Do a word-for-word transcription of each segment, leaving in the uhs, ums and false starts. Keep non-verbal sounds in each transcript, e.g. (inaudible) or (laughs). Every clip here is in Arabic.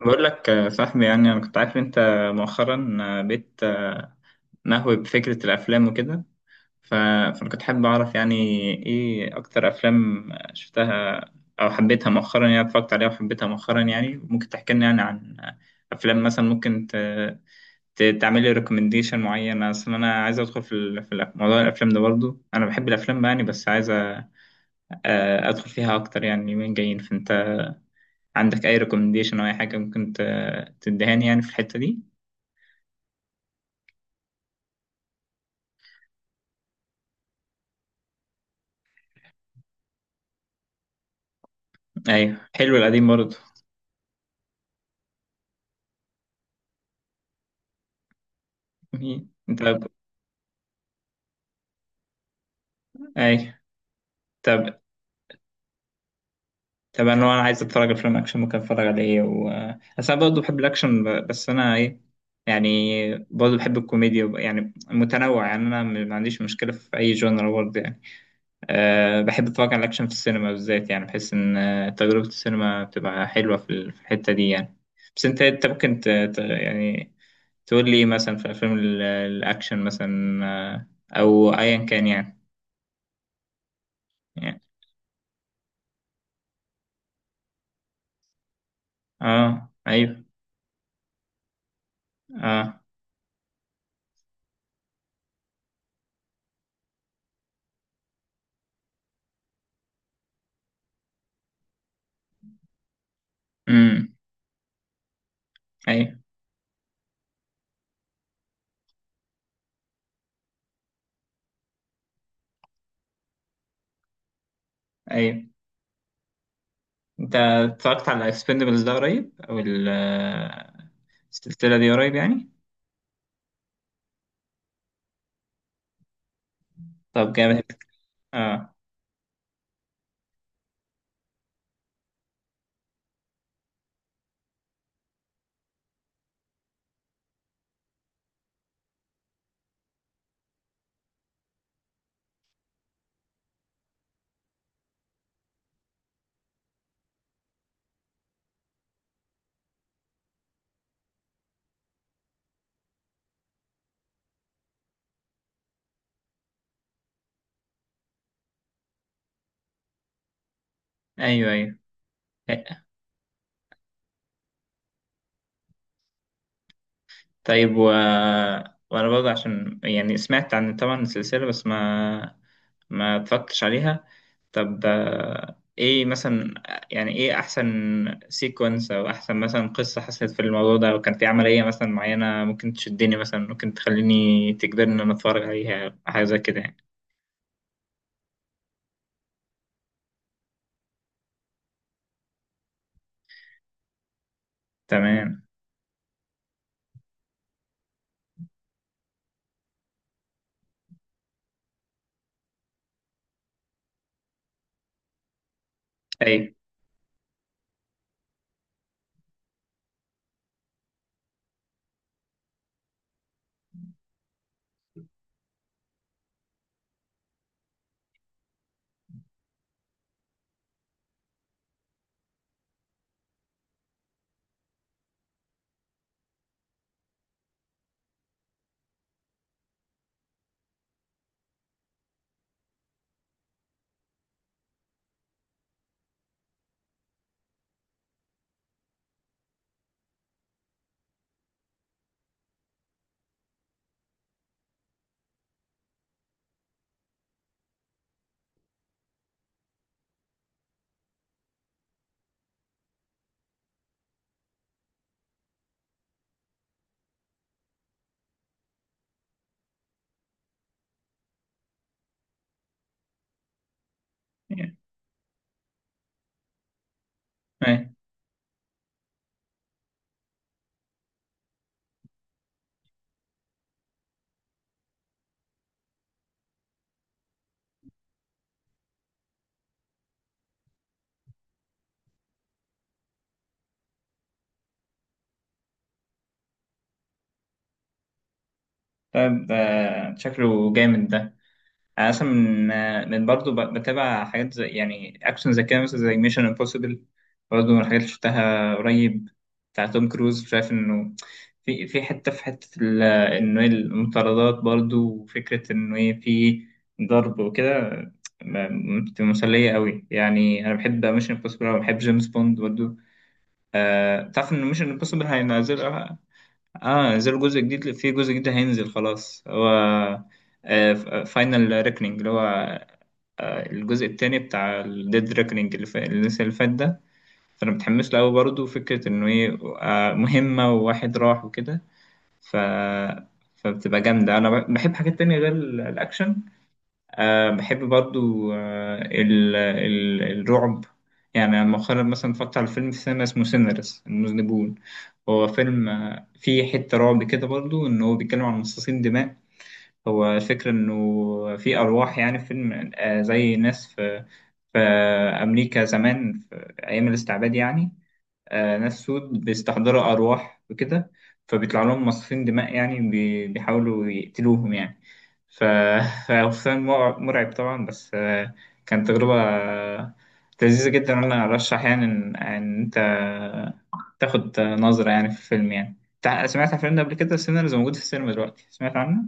بقول لك، آه، صاحبي. يعني انا كنت عارف انت مؤخرا آه، بقيت آه، نهوي بفكرة الافلام وكده. ف- فانا كنت حابب اعرف، يعني ايه اكتر افلام شفتها او حبيتها مؤخرا، يعني اتفرجت عليها وحبيتها مؤخرا. يعني ممكن تحكي لنا يعني عن افلام، مثلا ممكن ت... ت... تعمل لي ريكومنديشن معين. اصل انا عايز ادخل في, ال... في ال- موضوع الافلام ده برضو، انا بحب الافلام يعني، بس عايز أ- آه، ادخل فيها اكتر، يعني اليومين جايين. فانت عندك اي ريكومنديشن او اي حاجة ممكن ت... تدهاني يعني في الحتة دي؟ ايوه، حلو القديم برضه. طب. ايوه. طب. طب انا لو انا عايز اتفرج على فيلم اكشن، ممكن اتفرج على ايه و... بس انا برضه بحب الاكشن، ب- بس انا ايه يعني، برضه بحب الكوميديا وب- يعني متنوع. يعني انا م- ما عنديش مشكله في اي جونر برضه يعني. أه، بحب اتفرج على الاكشن في السينما بالذات، يعني بحس ان آه، تجربه السينما بتبقى حلوه في ال- في الحته دي يعني. بس انت انت ممكن ت... ت... يعني تقول لي إيه مثلا في افلام ال- الاكشن مثلا، آه، او ايا كان يعني. يعني. اه، ايوه. اه، امم ايوه، ايوه. انت اتفرجت على اكسبندبلز ده قريب، او ال- آه، السلسله دي قريب يعني؟ طب، جامد. اه، ايوه، ايوه. طيب. و... وانا برضه، عشان يعني سمعت عن طبعا السلسلة، بس ما ما اتفرجتش عليها. طب، آه، ايه مثلا يعني ايه احسن سيكونس، او احسن مثلا قصة حصلت في الموضوع ده، لو كان في عملية مثلا معينة ممكن تشدني، مثلا ممكن تخليني تجبرني ان انا اتفرج عليها، حاجة زي كده يعني؟ تمام. اي، اي. طيب، آه، شكله جامد ده. انا اصلا من من برضه ب- بتابع حاجات زي يعني اكشن زي كده، مثلا زي ميشن امبوسيبل، برضه من الحاجات اللي شفتها قريب، بتاع توم كروز. شايف انه في في حته في حته ال- انه إيه المطاردات برضه، وفكره انه ايه في ضرب وكده، م- بتبقى مسليه قوي يعني. انا بحب ميشن امبوسيبل وبحب جيمس بوند برضه. آه، تعرف ان ميشن امبوسيبل هينزل؟ اه، نزل جزء جديد. في جزء جديد هينزل خلاص، هو فاينل ريكنينج، اللي هو آه، الجزء التاني بتاع الديد ريكنينج، اللي ف- اللي لسه، اللي فات ده. فانا متحمس له قوي برضه، فكره انه ايه آه، مهمه وواحد راح وكده. ف فبتبقى جامده. انا بحب حاجات تانية غير ال- الاكشن. أه، بحب برضو، أه ال ال الرعب يعني. أنا مؤخرا مثلا اتفرجت على فيلم في السينما اسمه سينرس المذنبون. هو فيلم آه، فيه حتة رعب كده برضو، إن هو بيتكلم عن مصاصين دماء. هو الفكرة إنه في أرواح يعني، في فيلم آه، زي ناس في في أمريكا زمان، في أيام الاستعباد يعني. آه، ناس سود بيستحضروا أرواح وكده، فبيطلع لهم مصاصين دماء يعني، بي- بيحاولوا يقتلوهم يعني. ف- (laughs) فحسام مر- مرعب طبعا، بس آه، كانت تجربة آه، لذيذة جدا. أنا أرشح يعني إن إن أنت تاخد نظرة يعني في الفيلم يعني. تع- سمعت عن الفيلم ده قبل كده؟ سينرز موجود في السينما دلوقتي، سمعت عنه؟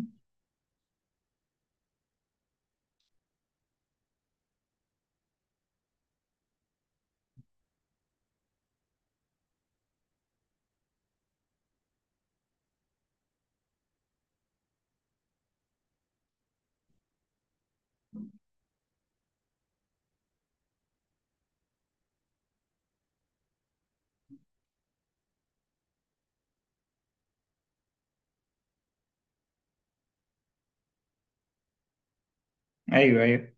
أيوه، أيوه.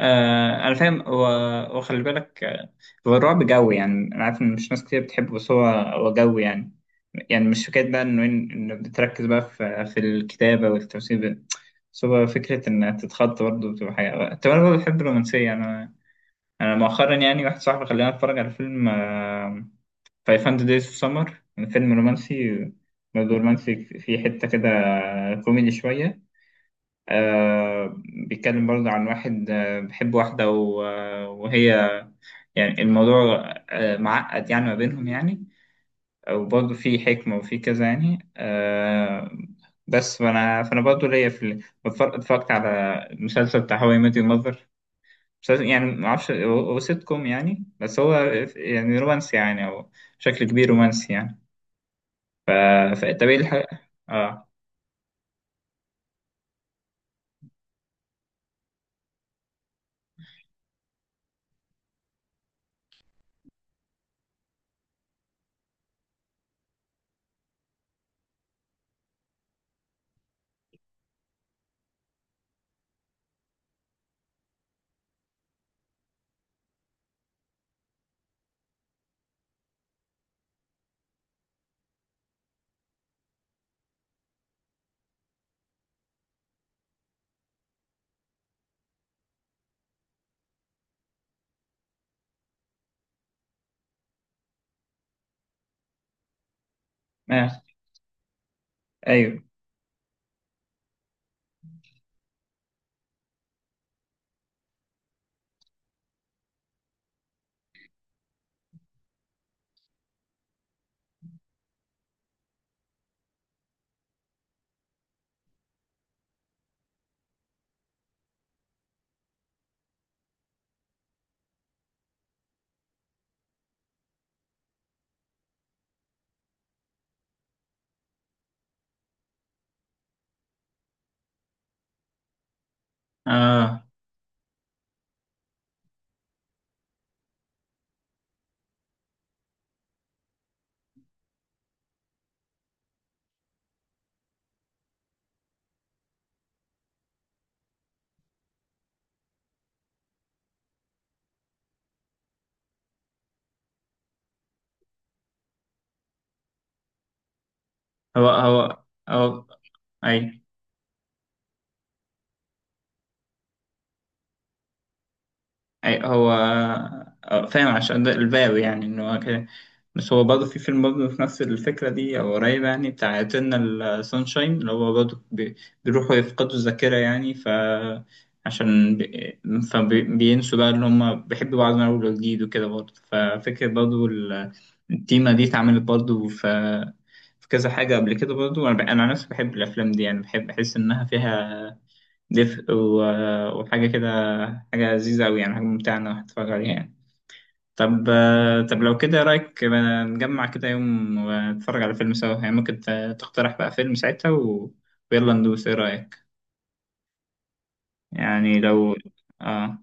آه، انا فاهم. هو- وخلي بالك، آه، هو الرعب جوي يعني. انا عارف ان مش ناس كتير بتحبه، بس هو هو جوي يعني. يعني مش فكره بقى انه إن إن بتركز بقى في في الكتابه والتمثيل، بس هو فكره انها تتخض برضه، بتبقى حاجه. طب انا برضه بحب الرومانسيه يعني. انا انا مؤخرا، يعني واحد صاحبي خلاني اتفرج على فيلم فايف هاندرد دايز اوف سمر، فيلم رومانسي، برضه رومانسي فيه حته كده كوميدي شويه. آه بيتكلم برضه عن واحد آه بيحب واحدة و- آه، وهي، يعني الموضوع آه معقد يعني ما بينهم يعني. وبرضه في حكمة وفي كذا يعني، آه بس فأنا فأنا برضه ليا في ال- بتفرج- اتفرجت على المسلسل بتاع هواي ميت يور ماذر. مسلسل يعني معرفش، هو هو سيت كوم يعني، بس هو يعني رومانسي يعني، أو بشكل كبير رومانسي يعني. آه، ف- طب إيه الح- اه، آه، ايوه. اه، هو هو هو ايوه، أي هو. آه، فاهم، عشان ده الباوي يعني إن هو كده. بس هو برضه في فيلم برضه في نفس الفكرة دي أو قريبة يعني، بتاع إترنال سانشاين، اللي هو برضه بي- بيروحوا يفقدوا الذاكرة يعني. ف عشان بي- فبينسوا بقى إن هما بيحبوا بعض من أول وجديد وكده برضه. ففكرة برضه ال- التيمة دي اتعملت برضه في في كذا حاجة قبل كده برضه. أنا ب- أنا عن نفسي بحب الأفلام دي يعني، بحب أحس إنها فيها دفء و- وحاجة كده، حاجة لذيذة أوي يعني، حاجة ممتعة إنك تتفرج عليها يعني. طب آه، طب لو كده إيه رأيك بقى نجمع كده يوم ونتفرج على فيلم سوا يعني؟ ممكن ت- تقترح بقى فيلم ساعتها و... ويلا ندوس. إيه رأيك يعني لو؟ آه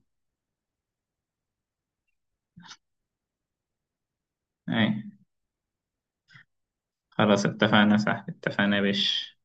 أي. خلاص، اتفقنا. صح، اتفقنا يا باشا.